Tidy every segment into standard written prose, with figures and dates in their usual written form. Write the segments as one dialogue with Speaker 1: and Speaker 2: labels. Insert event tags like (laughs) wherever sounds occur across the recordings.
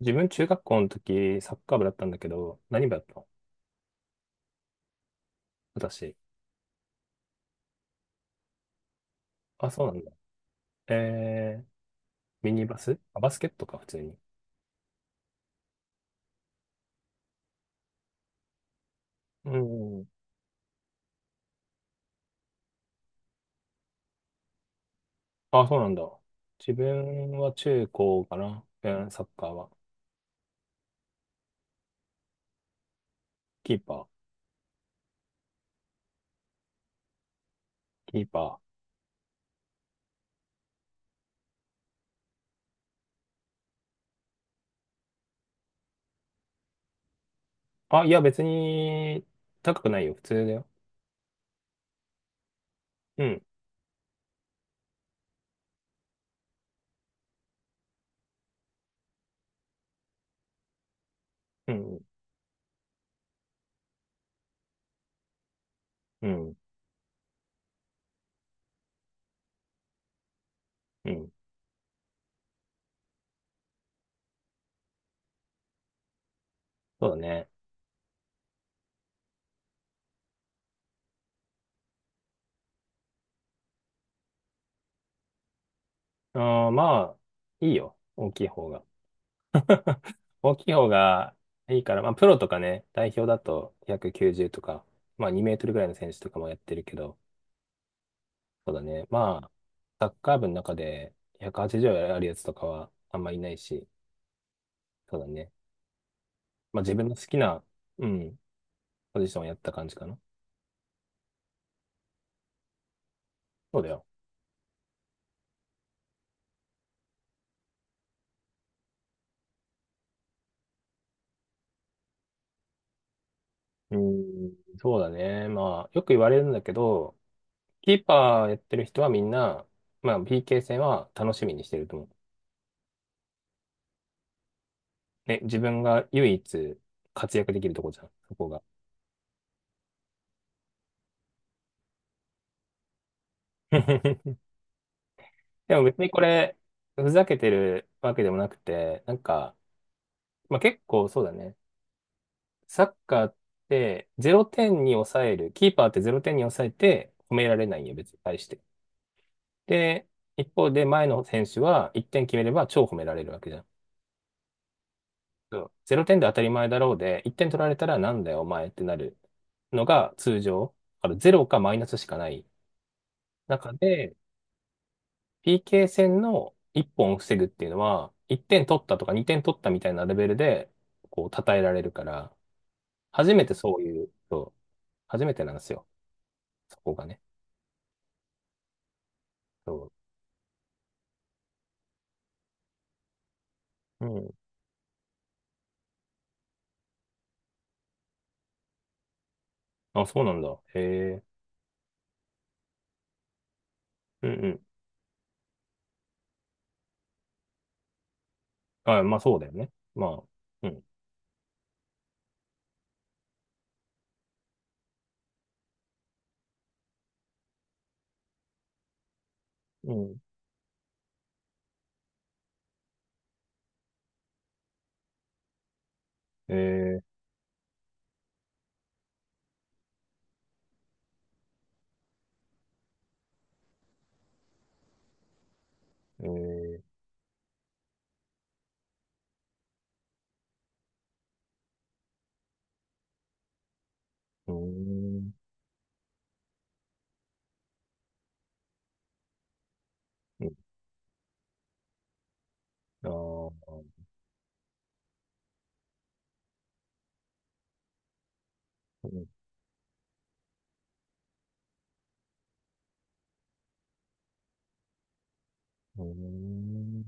Speaker 1: 自分中学校の時、サッカー部だったんだけど、何部だったの？私。あ、そうなんだ。えー、ミニバス、あ、バスケットか、普通に。うん。あ、そうなんだ。自分は中高かな。うん、サッカーは。キーパー。キーパー。あ、いや、別に、高くないよ。普通だよ。うん。うん。うん。うん。そうだね。あー、まあ、いいよ。大きい方が。大きい方がいいから、まあ、プロとかね、代表だと190とか、まあ、2メートルぐらいの選手とかもやってるけど、そうだね。まあ、サッカー部の中で180あるやつとかはあんまいないし、そうだね。まあ、自分の好きな、うん、ポジションをやった感じかな。そうだよ。うん、そうだね。まあ、よく言われるんだけど、キーパーやってる人はみんな、まあ、PK 戦は楽しみにしてると思う。ね、自分が唯一活躍できるとこじゃん、そこが。(laughs) でも別にこれ、ふざけてるわけでもなくて、なんか、まあ、結構そうだね。サッカーってゼロ点に抑える。キーパーってゼロ点に抑えて褒められないよ、別に対して。で、一方で前の選手は1点決めれば超褒められるわけじゃん。そう、0点で当たり前だろうで、1点取られたらなんだよ、お前ってなるのが通常。だからゼロかマイナスしかない中で、PK 戦の1本を防ぐっていうのは、1点取ったとか2点取ったみたいなレベルで、こう、称えられるから、初めてそういう、そう、初めてなんですよ。そこがね。そう。うん。あ、そうなんだ。へえ。うんうん。あ、まあそうだよね。まあ、うん。うん。えー、えー、うーん。うん。あー、うん。うーん。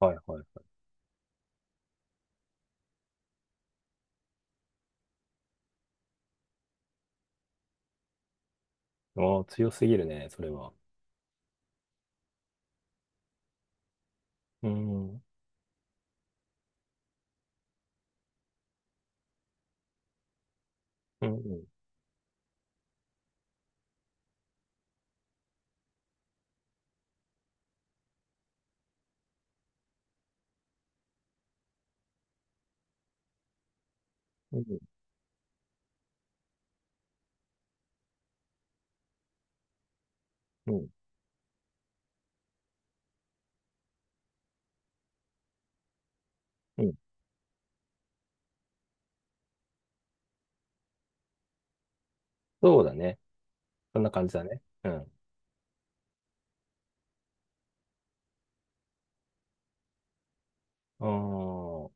Speaker 1: はいはいはい。ああ、強すぎるね、それは。うん。うんうん。うん。うん。うん、そうだね。そんな感じだね。うん。う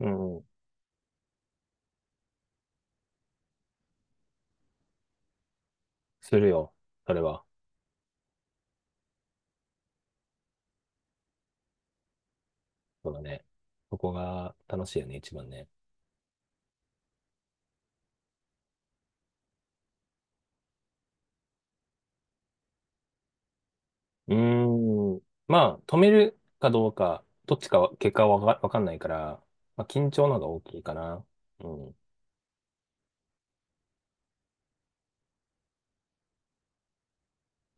Speaker 1: ーん。うん。するよ。それは。そうだね。そこが楽しいよね、一番ね。うーん。まあ、止めるかどうか、どっちかは、結果はわかんないから、まあ、緊張の方が大きいかな。うん。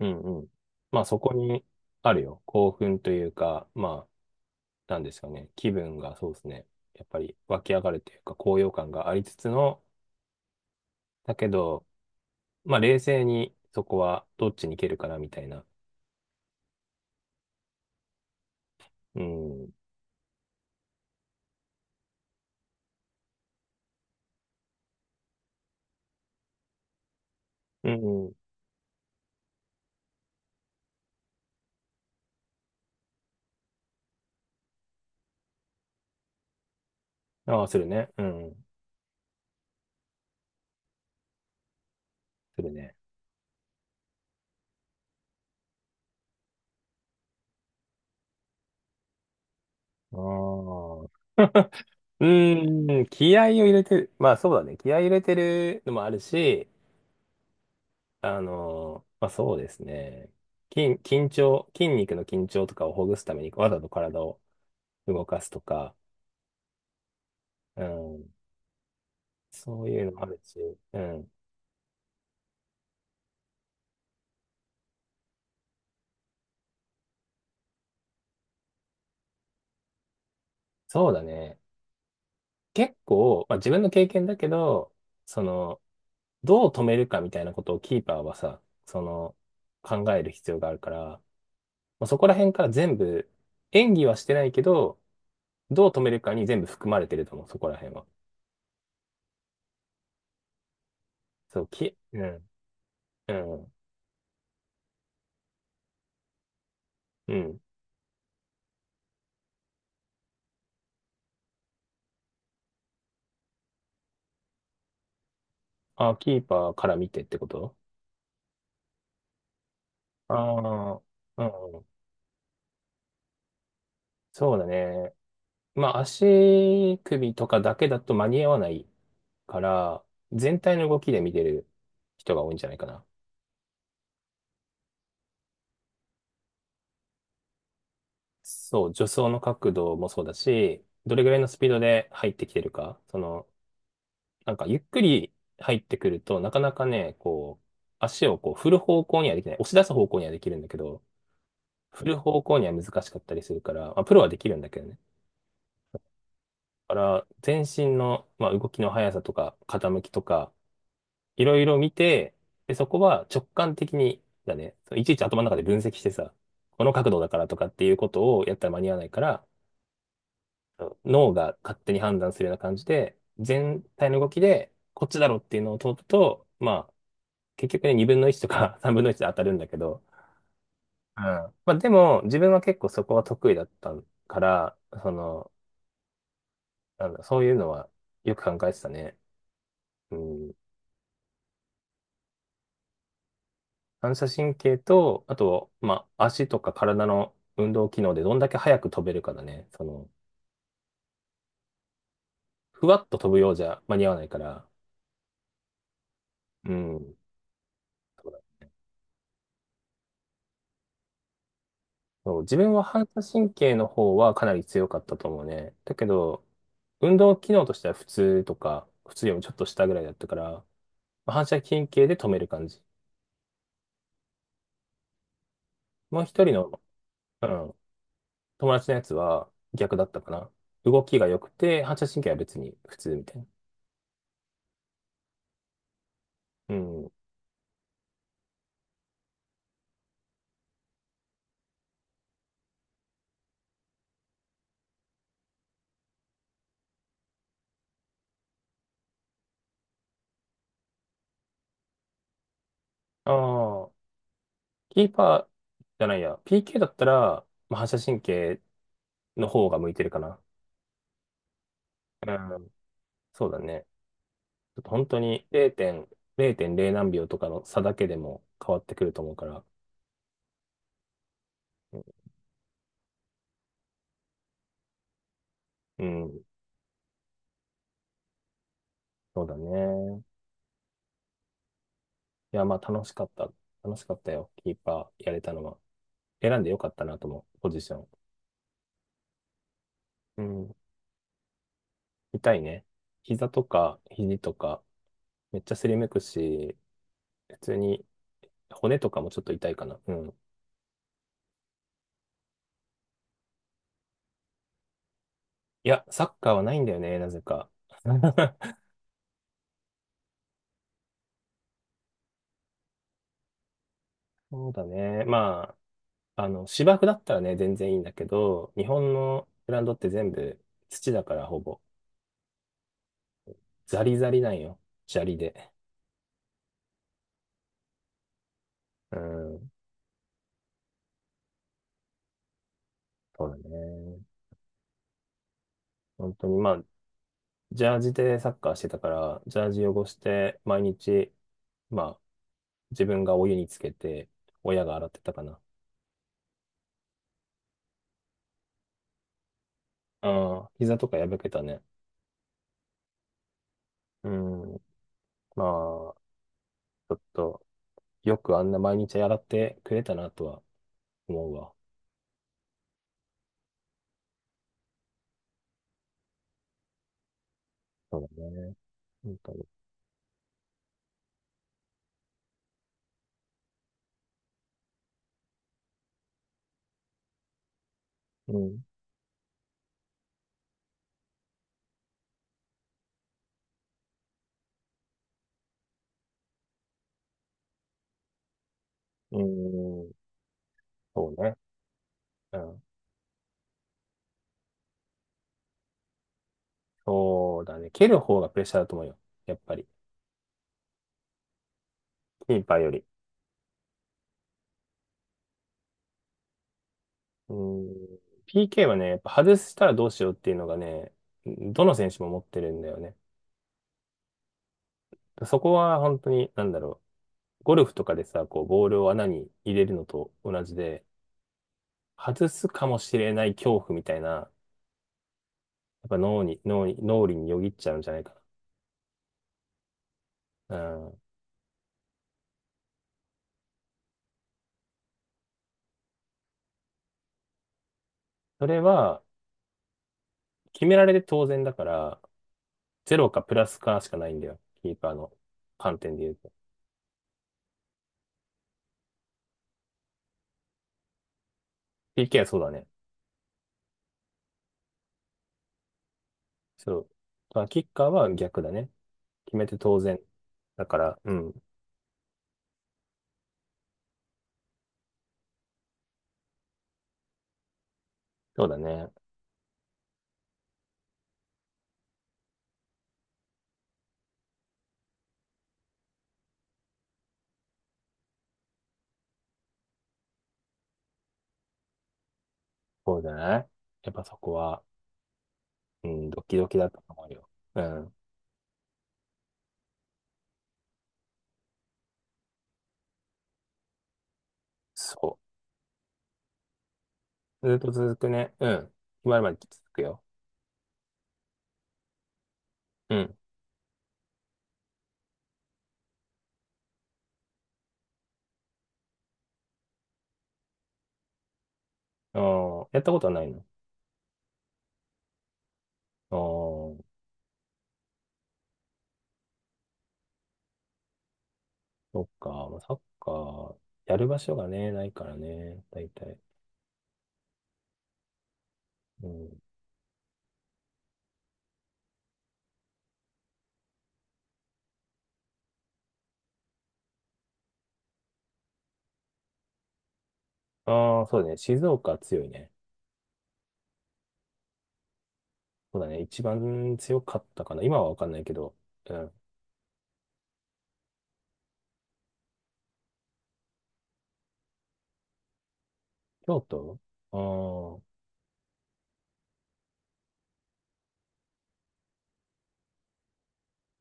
Speaker 1: うんうん。まあ、そこにあるよ。興奮というか、まあ、なんですかね。気分がそうですね。やっぱり湧き上がるというか、高揚感がありつつの、だけど、まあ、冷静にそこはどっちに行けるかな、みたいな。うん。うん。ああ、するね。うん。するね。ああ。うーん。気合を入れてる。まあそうだね。気合を入れてるのもあるし、まあそうですね。緊張、筋肉の緊張とかをほぐすためにわざと体を動かすとか、うん。そういうのもあるし、うん。そうだね。結構、まあ自分の経験だけど、その、どう止めるかみたいなことをキーパーはさ、その、考える必要があるから、まあ、そこら辺から全部、演技はしてないけど、どう止めるかに全部含まれてると思う、そこら辺は。うん、うん、うん。あ、キーパーから見てってこと？ああー、うん、そうだね。まあ、足首とかだけだと間に合わないから、全体の動きで見てる人が多いんじゃないかな。そう、助走の角度もそうだし、どれぐらいのスピードで入ってきてるか、その、なんかゆっくり入ってくると、なかなかね、こう、足をこう振る方向にはできない。押し出す方向にはできるんだけど、振る方向には難しかったりするから、まあ、プロはできるんだけどね。だから、全身の、まあ、動きの速さとか、傾きとか、いろいろ見て、で、そこは直感的に、だね、そういちいち頭の中で分析してさ、この角度だからとかっていうことをやったら間に合わないから、脳が勝手に判断するような感じで、全体の動きで、こっちだろっていうのを通ると、まあ、結局ね、2分の1とか (laughs) 3分の1で当たるんだけど、うん。まあでも、自分は結構そこは得意だったから、その、なんだ、そういうのはよく考えてたね。うん。反射神経と、あと、まあ、足とか体の運動機能でどんだけ早く飛べるかだね。その、ふわっと飛ぶようじゃ間に合わないから、うん。そうだ、そう、自分は反射神経の方はかなり強かったと思うね。だけど、運動機能としては普通とか、普通よりもちょっと下ぐらいだったから、反射神経で止める感じ。もう一人の、うん、友達のやつは逆だったかな。動きが良くて、反射神経は別に普通みたいな。うん。ああ、キーパーじゃないや。PK だったら、まあ、反射神経の方が向いてるかな。うん、そうだね。ちょっと本当に0.0何秒とかの差だけでも変わってくると思うから。うん、うん、そうだね。いや、まあ楽しかった。楽しかったよ。キーパーやれたのは。選んでよかったなと思う、ポジション。うん。痛いね。膝とか肘とか、めっちゃすりむくし、普通に骨とかもちょっと痛いかな。うん。いや、サッカーはないんだよね、なぜか。(laughs) そうだね。まあ、あの、芝生だったらね、全然いいんだけど、日本のグラウンドって全部土だからほぼ、ザリザリなんよ。砂利で。うん、そうだね。本当に、まあ、ジャージでサッカーしてたから、ジャージ汚して、毎日、まあ、自分がお湯につけて、親が洗ってたかな。ああ、膝とか破けたね。うん。まあ、ちょっと、よくあんな毎日洗ってくれたなとは思うわ。そうだね。本当に。うん。うん。そうね。うん。そうだね。蹴る方がプレッシャーだと思うよ。やっぱり。キーパーより。うん。PK はね、やっぱ外したらどうしようっていうのがね、どの選手も持ってるんだよね。そこは本当に、なんだろ、ゴルフとかでさ、こう、ボールを穴に入れるのと同じで、外すかもしれない恐怖みたいな、やっぱ脳裏によぎっちゃうんじゃないかな。うん。それは、決められて当然だから、ゼロかプラスかしかないんだよ。キーパーの観点で言うと。PK はそうだね。そう。まあ、キッカーは逆だね。決めて当然。だから、うん。そうだね。そうじゃない？やっぱそこは、うん、ドキドキだったと思うよ。うん。そう。ずっと続くね。うん。決まるまで続くよ。うん。あー、やったことはないの？ああ、そっか。まあサッカー、やる場所がね、ないからね、大体。うん。ああ、そうだね。静岡強いね。そうだね。一番強かったかな。今はわかんないけど。うん。京都、ああー、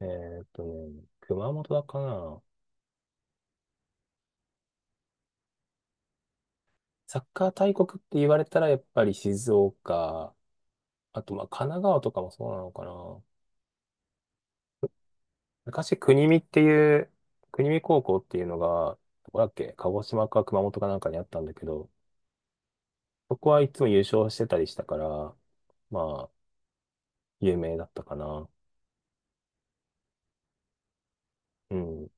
Speaker 1: ね、熊本だかな。サッカー大国って言われたら、やっぱり静岡、あと、まあ、神奈川とかもそうなのかな。昔、国見高校っていうのが、どこだっけ、鹿児島か熊本かなんかにあったんだけど、そこはいつも優勝してたりしたから、まあ、有名だったかな。うん。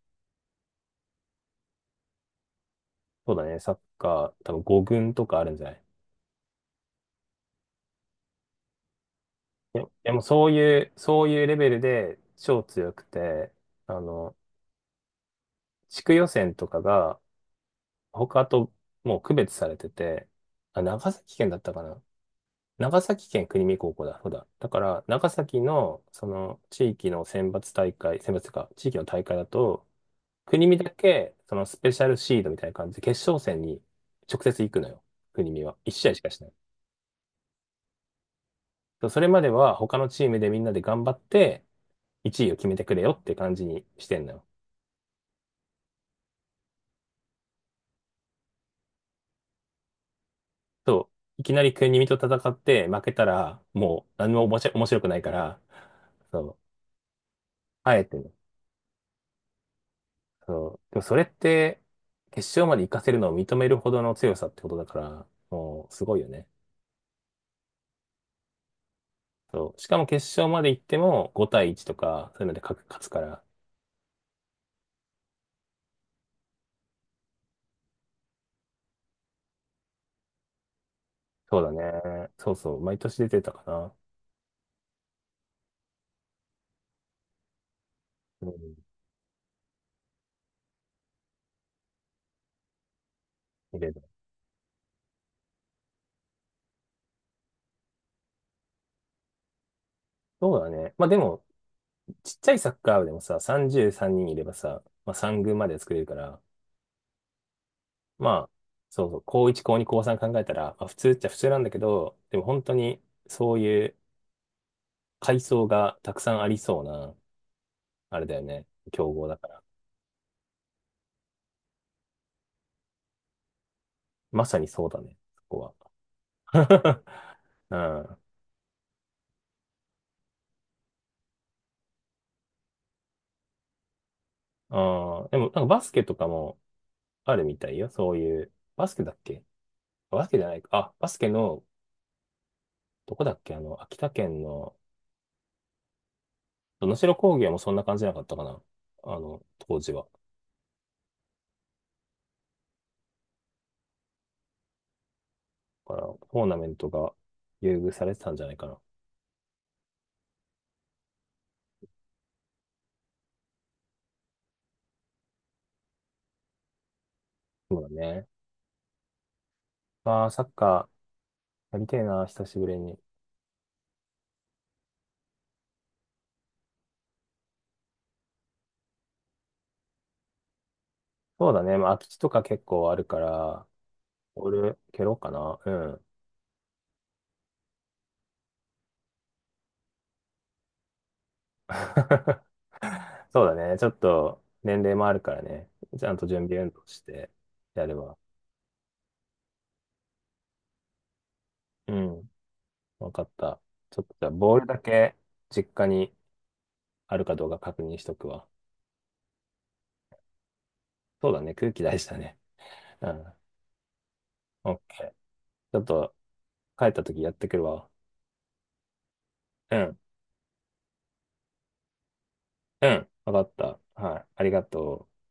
Speaker 1: そうだね、サッカー、多分5軍とかあるんじゃない？でもそういうレベルで超強くて、あの、地区予選とかが、他ともう区別されてて、あ、長崎県だったかな。長崎県国見高校だ、そうだ。だから、長崎の、その、地域の選抜大会、選抜というか、地域の大会だと、国見だけ、スペシャルシードみたいな感じで、決勝戦に直接行くのよ。国見は。1試合しかしない。そう。それまでは、他のチームでみんなで頑張って、1位を決めてくれよって感じにしてんのよ。そう。いきなり国見と戦って、負けたら、もう、何もおもし面白くないから、そう。あえてね。そう。でもそれって、決勝まで行かせるのを認めるほどの強さってことだから、もうすごいよね。そう。しかも決勝まで行っても5対1とか、そういうので勝つから。そうだね。そうそう。毎年出てたかな。うん。見れる。そうだね。まあでも、ちっちゃいサッカー部でもさ、33人いればさ、まあ3軍まで作れるから、まあ、そうそう、高1、高2、高3考えたら、まあ普通っちゃ普通なんだけど、でも本当にそういう階層がたくさんありそうな、あれだよね。競合だから。まさにそうだね、そこは。(laughs) うん。あーでも、なんかバスケとかもあるみたいよ。そういう、バスケだっけ？バスケじゃないか。あ、バスケの、どこだっけ秋田県の、能代工業もそんな感じじゃなかったかな。当時は。だから、トーナメントが優遇されてたんじゃないかな。そうだね。まあ、サッカーやりてえな、久しぶりに。そうだね。まあ、空き地とか結構あるから、俺、蹴ろうかな。うん。(laughs) そうだね。ちょっと年齢もあるからね。ちゃんと準備運動してやれば。うん。わかった。ちょっとじゃあ、ボールだけ実家にあるかどうか確認しとくわ。そうだね。空気大事だね。うん。オッケー。ちょっと帰った時やってくるわ。うん。うん。わかった。はい。ありがとう。